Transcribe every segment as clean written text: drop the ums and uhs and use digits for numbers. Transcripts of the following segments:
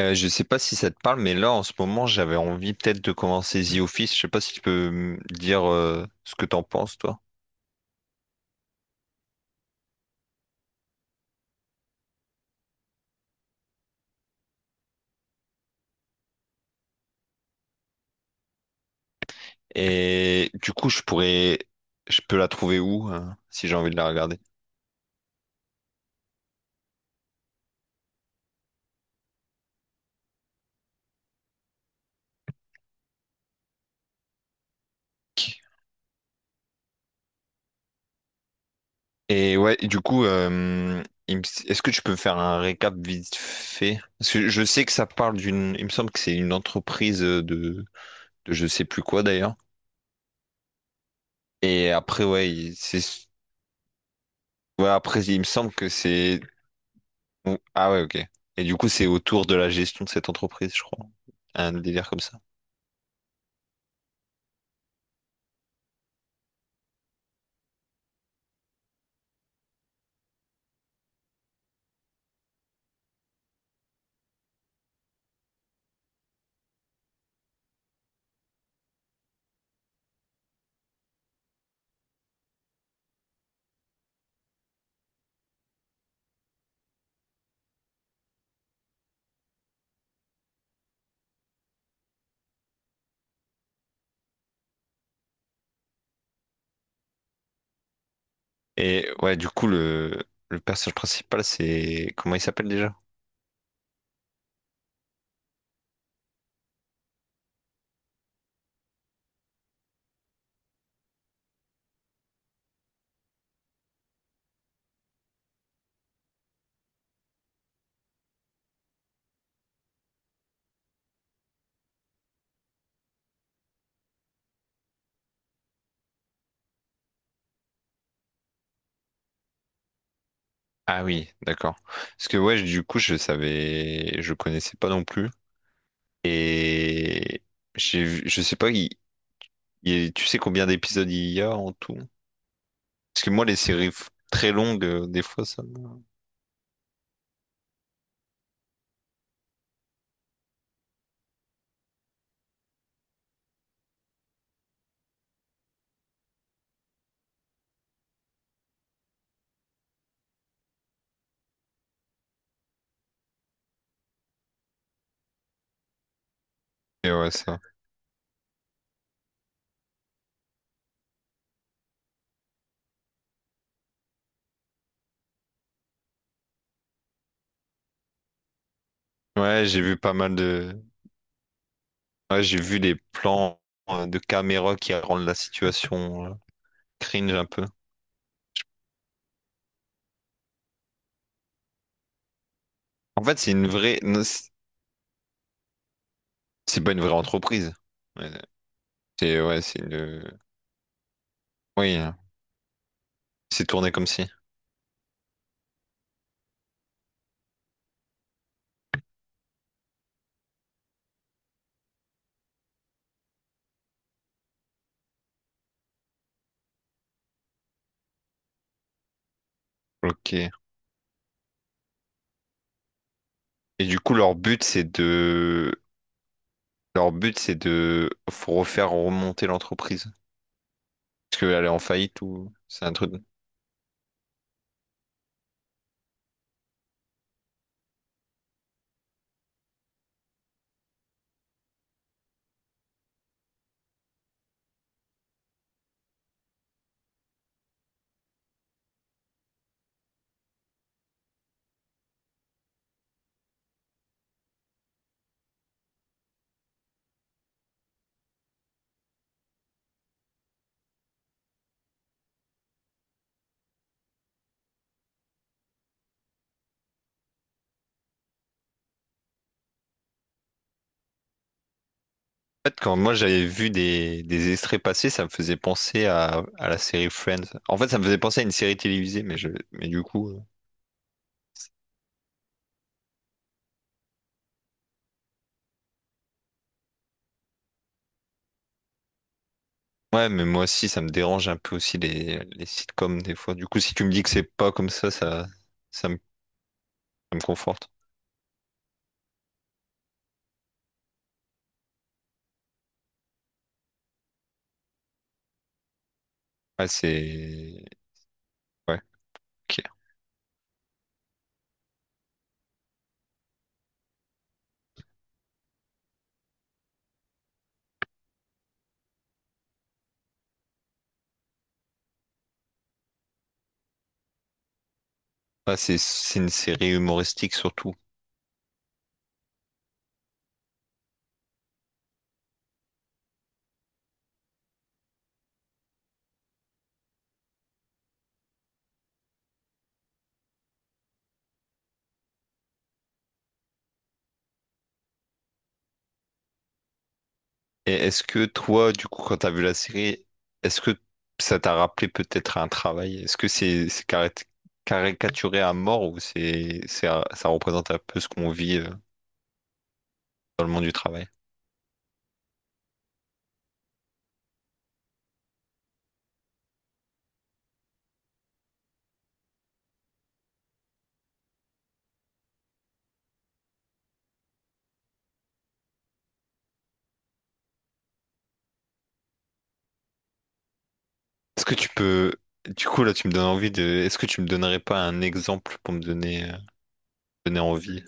Je sais pas si ça te parle, mais là en ce moment j'avais envie peut-être de commencer The Office. Je sais pas si tu peux me dire ce que t'en penses toi. Et du coup je pourrais, je peux la trouver où hein, si j'ai envie de la regarder. Qui? Et ouais, du coup, il me- est-ce que tu peux faire un récap vite fait? Parce que je sais que ça parle il me semble que c'est une entreprise de je sais plus quoi d'ailleurs. Et après ouais, il- c'est, ouais après il me semble que c'est Ou- Ah ouais, ok. Et du coup, c'est autour de la gestion de cette entreprise, je crois. Un délire comme ça. Et ouais, du coup, le personnage principal, c'est... Comment il s'appelle déjà? Ah oui, d'accord. Parce que ouais, du coup, je savais... Je connaissais pas non plus. Et j'ai vu... Je sais pas, tu sais combien d'épisodes il y a en tout? Parce que moi, les très longues, des fois, Et ouais, ça... Ouais, j'ai vu pas mal de... Ouais, j'ai vu les plans de caméra qui rendent la situation... cringe un peu. En fait, c'est une vraie. Non, c'est pas une vraie entreprise. Ouais, c'est ouais, c'est une. Oui, hein, c'est tourné comme si. Ok. Et du coup, leur but, c'est de. Leur but, c'est de faut refaire remonter l'entreprise. Parce qu'elle est en faillite ou. C'est un truc. En fait, quand moi j'avais vu des extraits passés, ça me faisait penser à la série Friends. En fait, ça me faisait penser à une série télévisée, mais du coup, ouais, mais moi aussi, ça me dérange un peu aussi les sitcoms des fois. Du coup, si tu me dis que c'est pas comme ça, ça me, ça me conforte. Ouais, c'est... Ouais, ok. Ouais, c'est une série humoristique surtout. Et est-ce que toi, du coup, quand t'as vu la série, est-ce que ça t'a rappelé peut-être un travail? Est-ce que c'est caricaturé à mort ou ça représente un peu ce qu'on vit dans le monde du travail? Est-ce que tu peux... Du coup, là, tu me donnes envie de... Est-ce que tu me donnerais pas un exemple pour me donner... donner envie.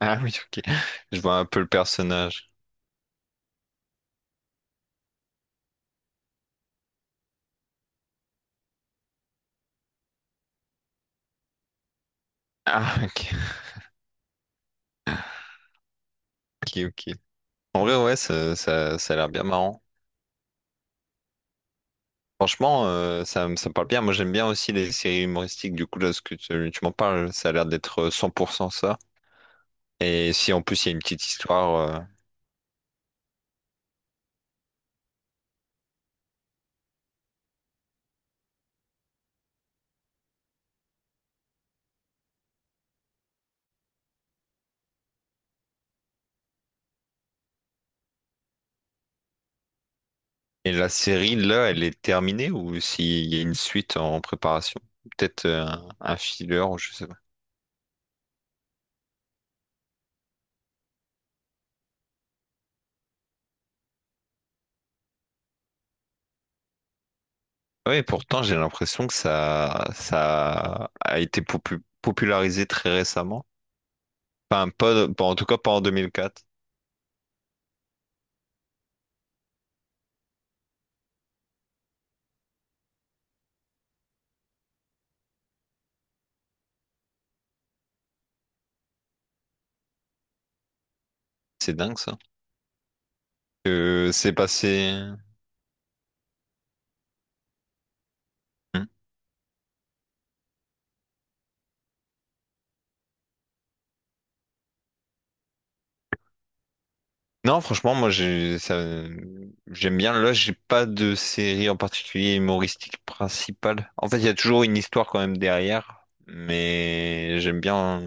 Ah oui, ok. Je vois un peu le personnage. Ah, ok, ok, ok. En vrai, ouais, ça a l'air bien marrant. Franchement, ça me parle bien. Moi, j'aime bien aussi les séries humoristiques. Du coup, là, ce que tu m'en parles, ça a l'air d'être 100% ça. Et si en plus, il y a une petite histoire, et la série, là, elle est terminée ou s'il y a une suite en préparation? Peut-être un filler, ou je sais pas. Oui, pourtant, j'ai l'impression que ça a été popularisé très récemment. Enfin, en tout cas pas en 2004. C'est dingue ça. C'est passé. Hmm. Non, franchement, moi j'ai ça... j'aime bien. Là, j'ai pas de série en particulier humoristique principale. En fait, il y a toujours une histoire quand même derrière, mais j'aime bien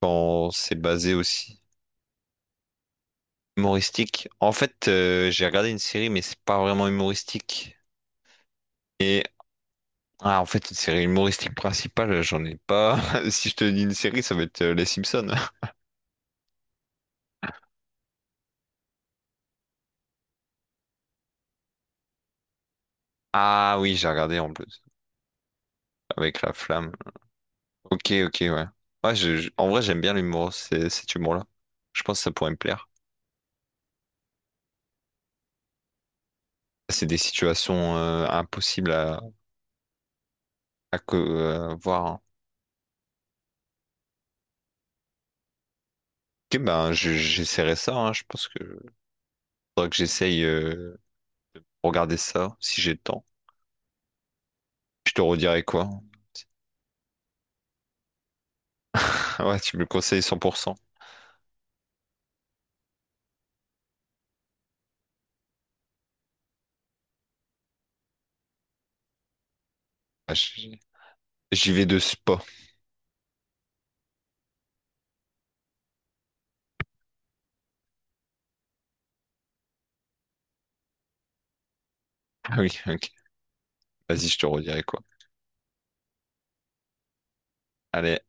quand c'est basé aussi humoristique. En fait, j'ai regardé une série, mais c'est pas vraiment humoristique. Ah, en fait, une série humoristique principale, j'en ai pas. Si je te dis une série, ça va être Les Simpsons. Ah oui, j'ai regardé en plus, avec la flamme. Ok, ok, ouais. Ouais, en vrai, j'aime bien l'humour, cet humour-là. Je pense que ça pourrait me plaire. C'est des situations impossibles à, voir, hein. Ok, ben, j'essaierai ça, hein. Je pense que faudra que j'essaye regarder ça, si j'ai le temps. Je te redirai quoi. Ouais, tu me le conseilles 100%. Ah, j- J'y vais de spa. Ah oui, ok. Vas-y, je te redirai quoi. Allez.